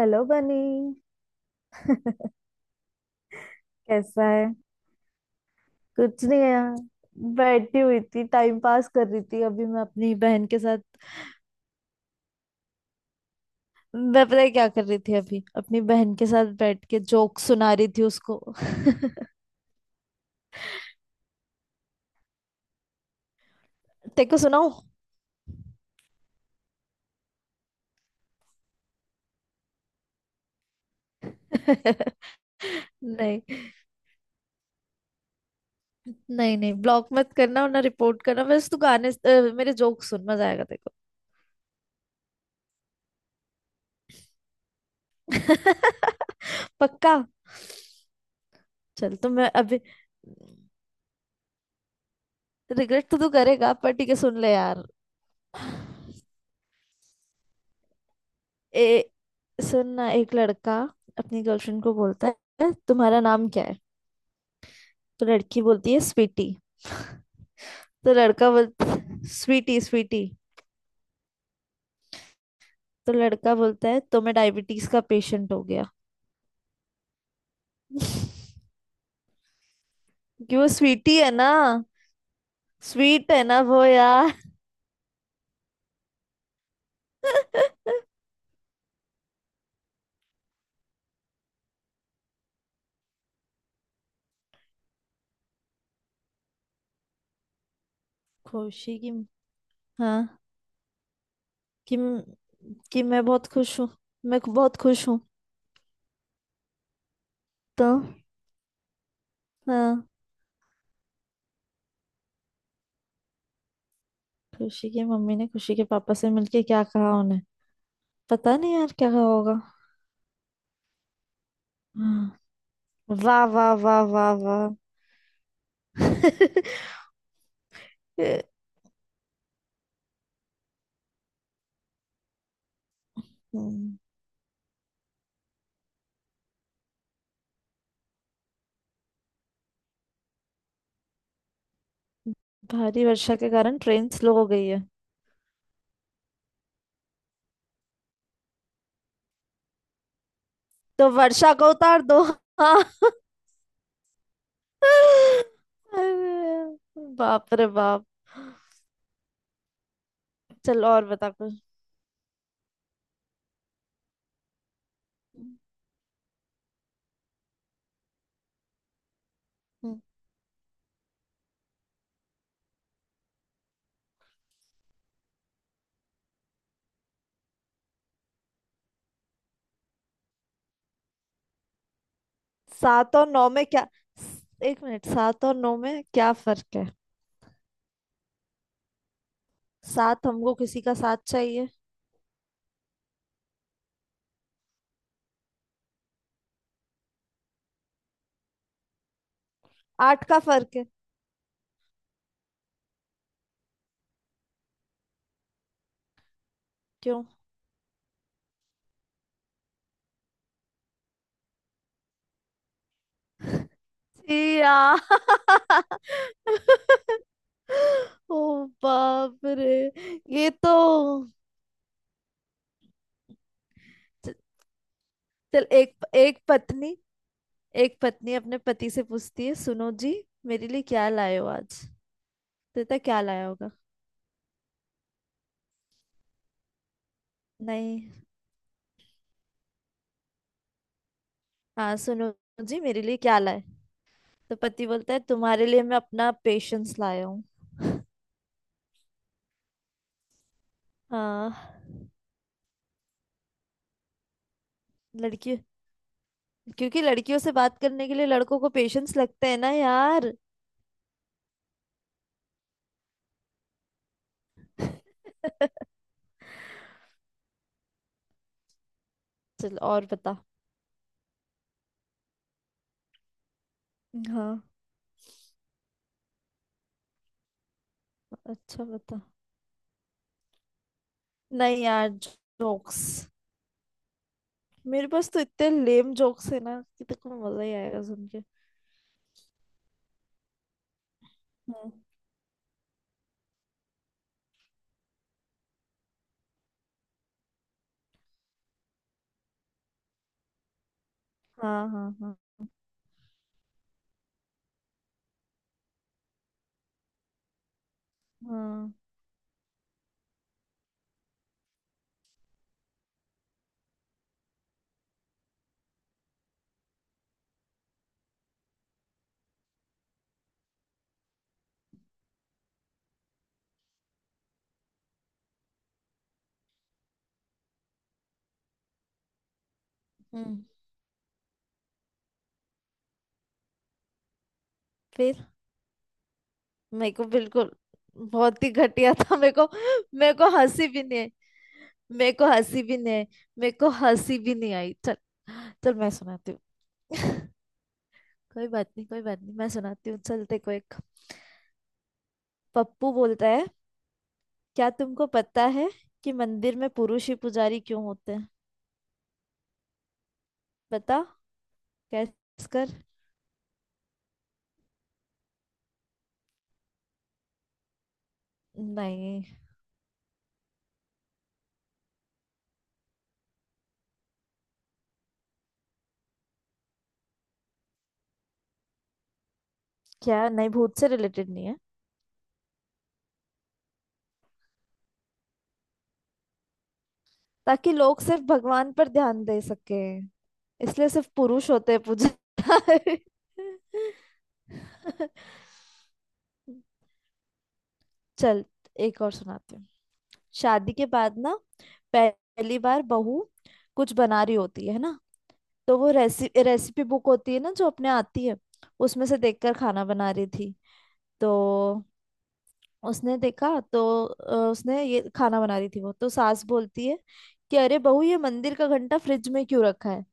Hello बनी। कैसा है। कुछ नहीं है यार, बैठी हुई थी, टाइम पास कर रही थी अभी मैं अपनी बहन के साथ। मैं पता है क्या कर रही थी अभी, अपनी बहन के साथ बैठ के जोक सुना रही थी उसको। तेरे को सुनाऊं। नहीं, नहीं ब्लॉक मत करना, वरना रिपोर्ट करना बस। तू गाने मेरे जोक सुन, मजा आएगा तेरे को। पक्का। चल तो मैं अभी, रिग्रेट तो तू करेगा पर ठीक है सुन ले यार। ए सुन ना, एक लड़का अपनी गर्लफ्रेंड को बोलता है तुम्हारा नाम क्या है। तो लड़की बोलती है स्वीटी। तो लड़का बोल स्वीटी स्वीटी। तो लड़का बोलता है तो मैं डायबिटीज का पेशेंट हो गया क्योंकि वो स्वीटी है ना। स्वीट है ना वो यार। खुशी की। हाँ। कि मैं बहुत खुश हूँ। मैं बहुत खुश हूँ। तो हाँ, खुशी की मम्मी ने खुशी के पापा से मिलके क्या कहा उन्हें। पता नहीं यार क्या कहा होगा। हाँ, वाह वाह वाह वाह वाह। हम्म। भारी वर्षा के कारण ट्रेन स्लो हो गई है। तो वर्षा को उतार दो। हाँ, अरे, बाप रे बाप। चलो और बता कुछ। हम्म, सात और नौ में क्या, एक मिनट, सात और नौ में क्या फर्क है। सात हमको किसी का साथ चाहिए। आठ का फर्क है। क्यों। छी यार। ओ बाप रे, ये तो। च- चल एक, एक पत्नी, एक पत्नी अपने पति से पूछती है सुनो जी, मेरे लिए क्या लाए हो आज। देता क्या लाया होगा। नहीं। हाँ सुनो जी, मेरे लिए क्या लाए। तो पति बोलता है तुम्हारे लिए मैं अपना पेशेंस लाया हूँ। हाँ, लड़की, क्योंकि लड़कियों से बात करने के लिए लड़कों को पेशेंस लगते हैं ना यार। चल और बता। हाँ, अच्छा बता। नहीं यार, जोक्स मेरे पास तो इतने लेम जोक्स है ना कि तेरे को मजा ही आएगा सुन के। हम्म, हाँ हाँ हाँ। हाँ। हम्म। फिर। मेरे को बिल्कुल, बहुत ही घटिया था मेरे को। मेरे को हंसी भी नहीं आई। मेरे को हंसी भी नहीं आई। मेरे को हंसी भी नहीं आई। चल, चल मैं सुनाती हूँ। कोई बात नहीं, कोई बात नहीं, मैं सुनाती हूँ। चल देखो, एक पप्पू बोलता है क्या तुमको पता है कि मंदिर में पुरुष ही पुजारी क्यों होते हैं। बता। कैस कर। नहीं। क्या नहीं, भूत से रिलेटेड नहीं है। ताकि लोग सिर्फ भगवान पर ध्यान दे सके, इसलिए सिर्फ पुरुष होते हैं पूजा। चल एक और सुनाती हूँ। शादी के बाद ना पहली बार बहू कुछ बना रही होती है ना, तो वो रेसि रेसिपी बुक होती है ना जो अपने आती है, उसमें से देखकर खाना बना रही थी। तो उसने देखा तो उसने ये खाना बना रही थी वो, तो सास बोलती है कि अरे बहू ये मंदिर का घंटा फ्रिज में क्यों रखा है।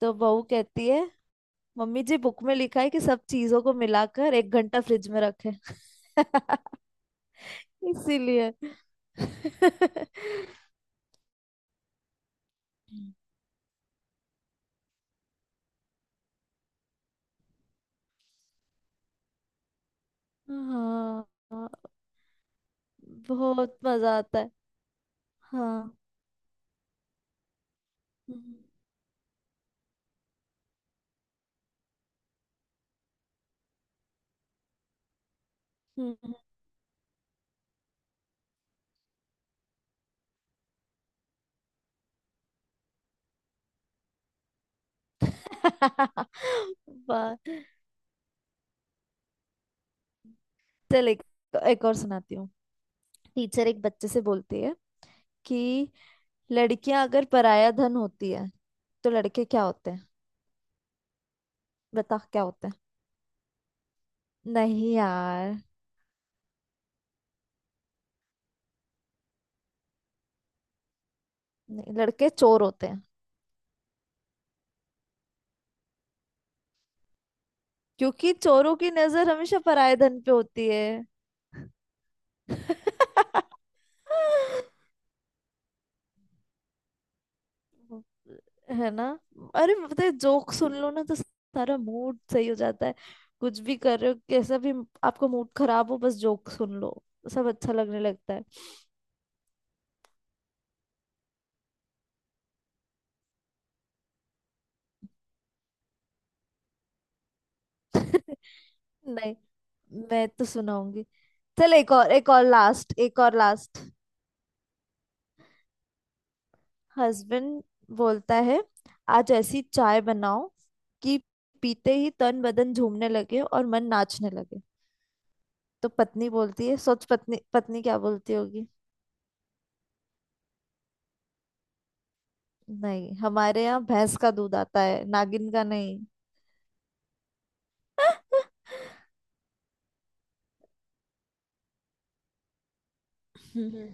तो बहू कहती है मम्मी जी, बुक में लिखा है कि सब चीजों को मिलाकर एक घंटा फ्रिज में रखें। इसीलिए। हाँ, हाँ, बहुत मजा आता है। हाँ। हम्म, हम्म। वाह। चल एक, एक और सुनाती हूँ। टीचर एक बच्चे से बोलती है कि लड़कियां अगर पराया धन होती है तो लड़के क्या होते हैं। बता क्या होते हैं। नहीं यार, नहीं, लड़के चोर होते हैं क्योंकि चोरों की नजर हमेशा पराये धन पे होती है। है ना। अरे पता है जोक सुन लो ना तो सारा मूड सही हो जाता है। कुछ भी कर रहे हो, कैसा भी आपका मूड खराब हो, बस जोक सुन लो, सब अच्छा लगने लगता है। नहीं, मैं तो सुनाऊंगी। चल एक और, एक और लास्ट, एक और लास्ट। हस्बैंड बोलता है आज ऐसी चाय बनाओ कि पीते ही तन बदन झूमने लगे और मन नाचने लगे। तो पत्नी बोलती है, सोच पत्नी पत्नी क्या बोलती होगी। नहीं, हमारे यहाँ भैंस का दूध आता है, नागिन का नहीं। हम्म।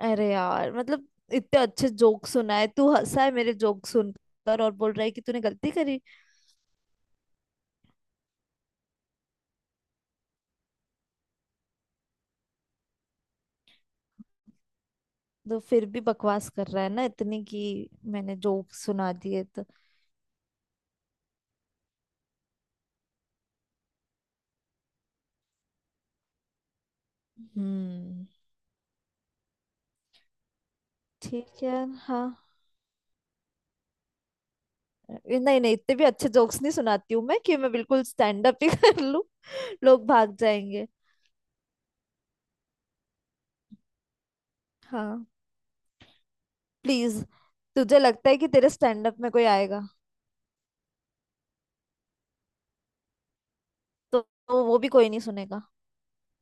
अरे यार मतलब इतने अच्छे जोक सुनाए, तू हंसा है मेरे जोक सुनकर और बोल रहा है कि तूने गलती करी। तो फिर भी बकवास कर रहा है ना इतनी कि मैंने जोक सुना दिए तो। हम्म। ठीक है हाँ, नहीं नहीं, इतने भी अच्छे जोक्स नहीं सुनाती हूँ मैं कि मैं बिल्कुल स्टैंड अप ही कर लूँ। लोग भाग जाएंगे। हाँ प्लीज, तुझे लगता है कि तेरे स्टैंड अप में कोई आएगा। तो, तो वो भी कोई नहीं सुनेगा,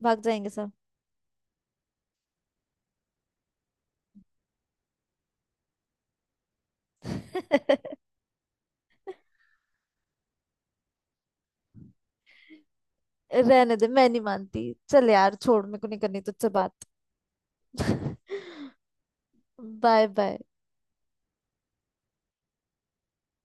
भाग जाएंगे सब। रहने दे, मैं नहीं मानती। चल यार छोड़, मेरे को नहीं करनी तुझसे बात। Bye bye.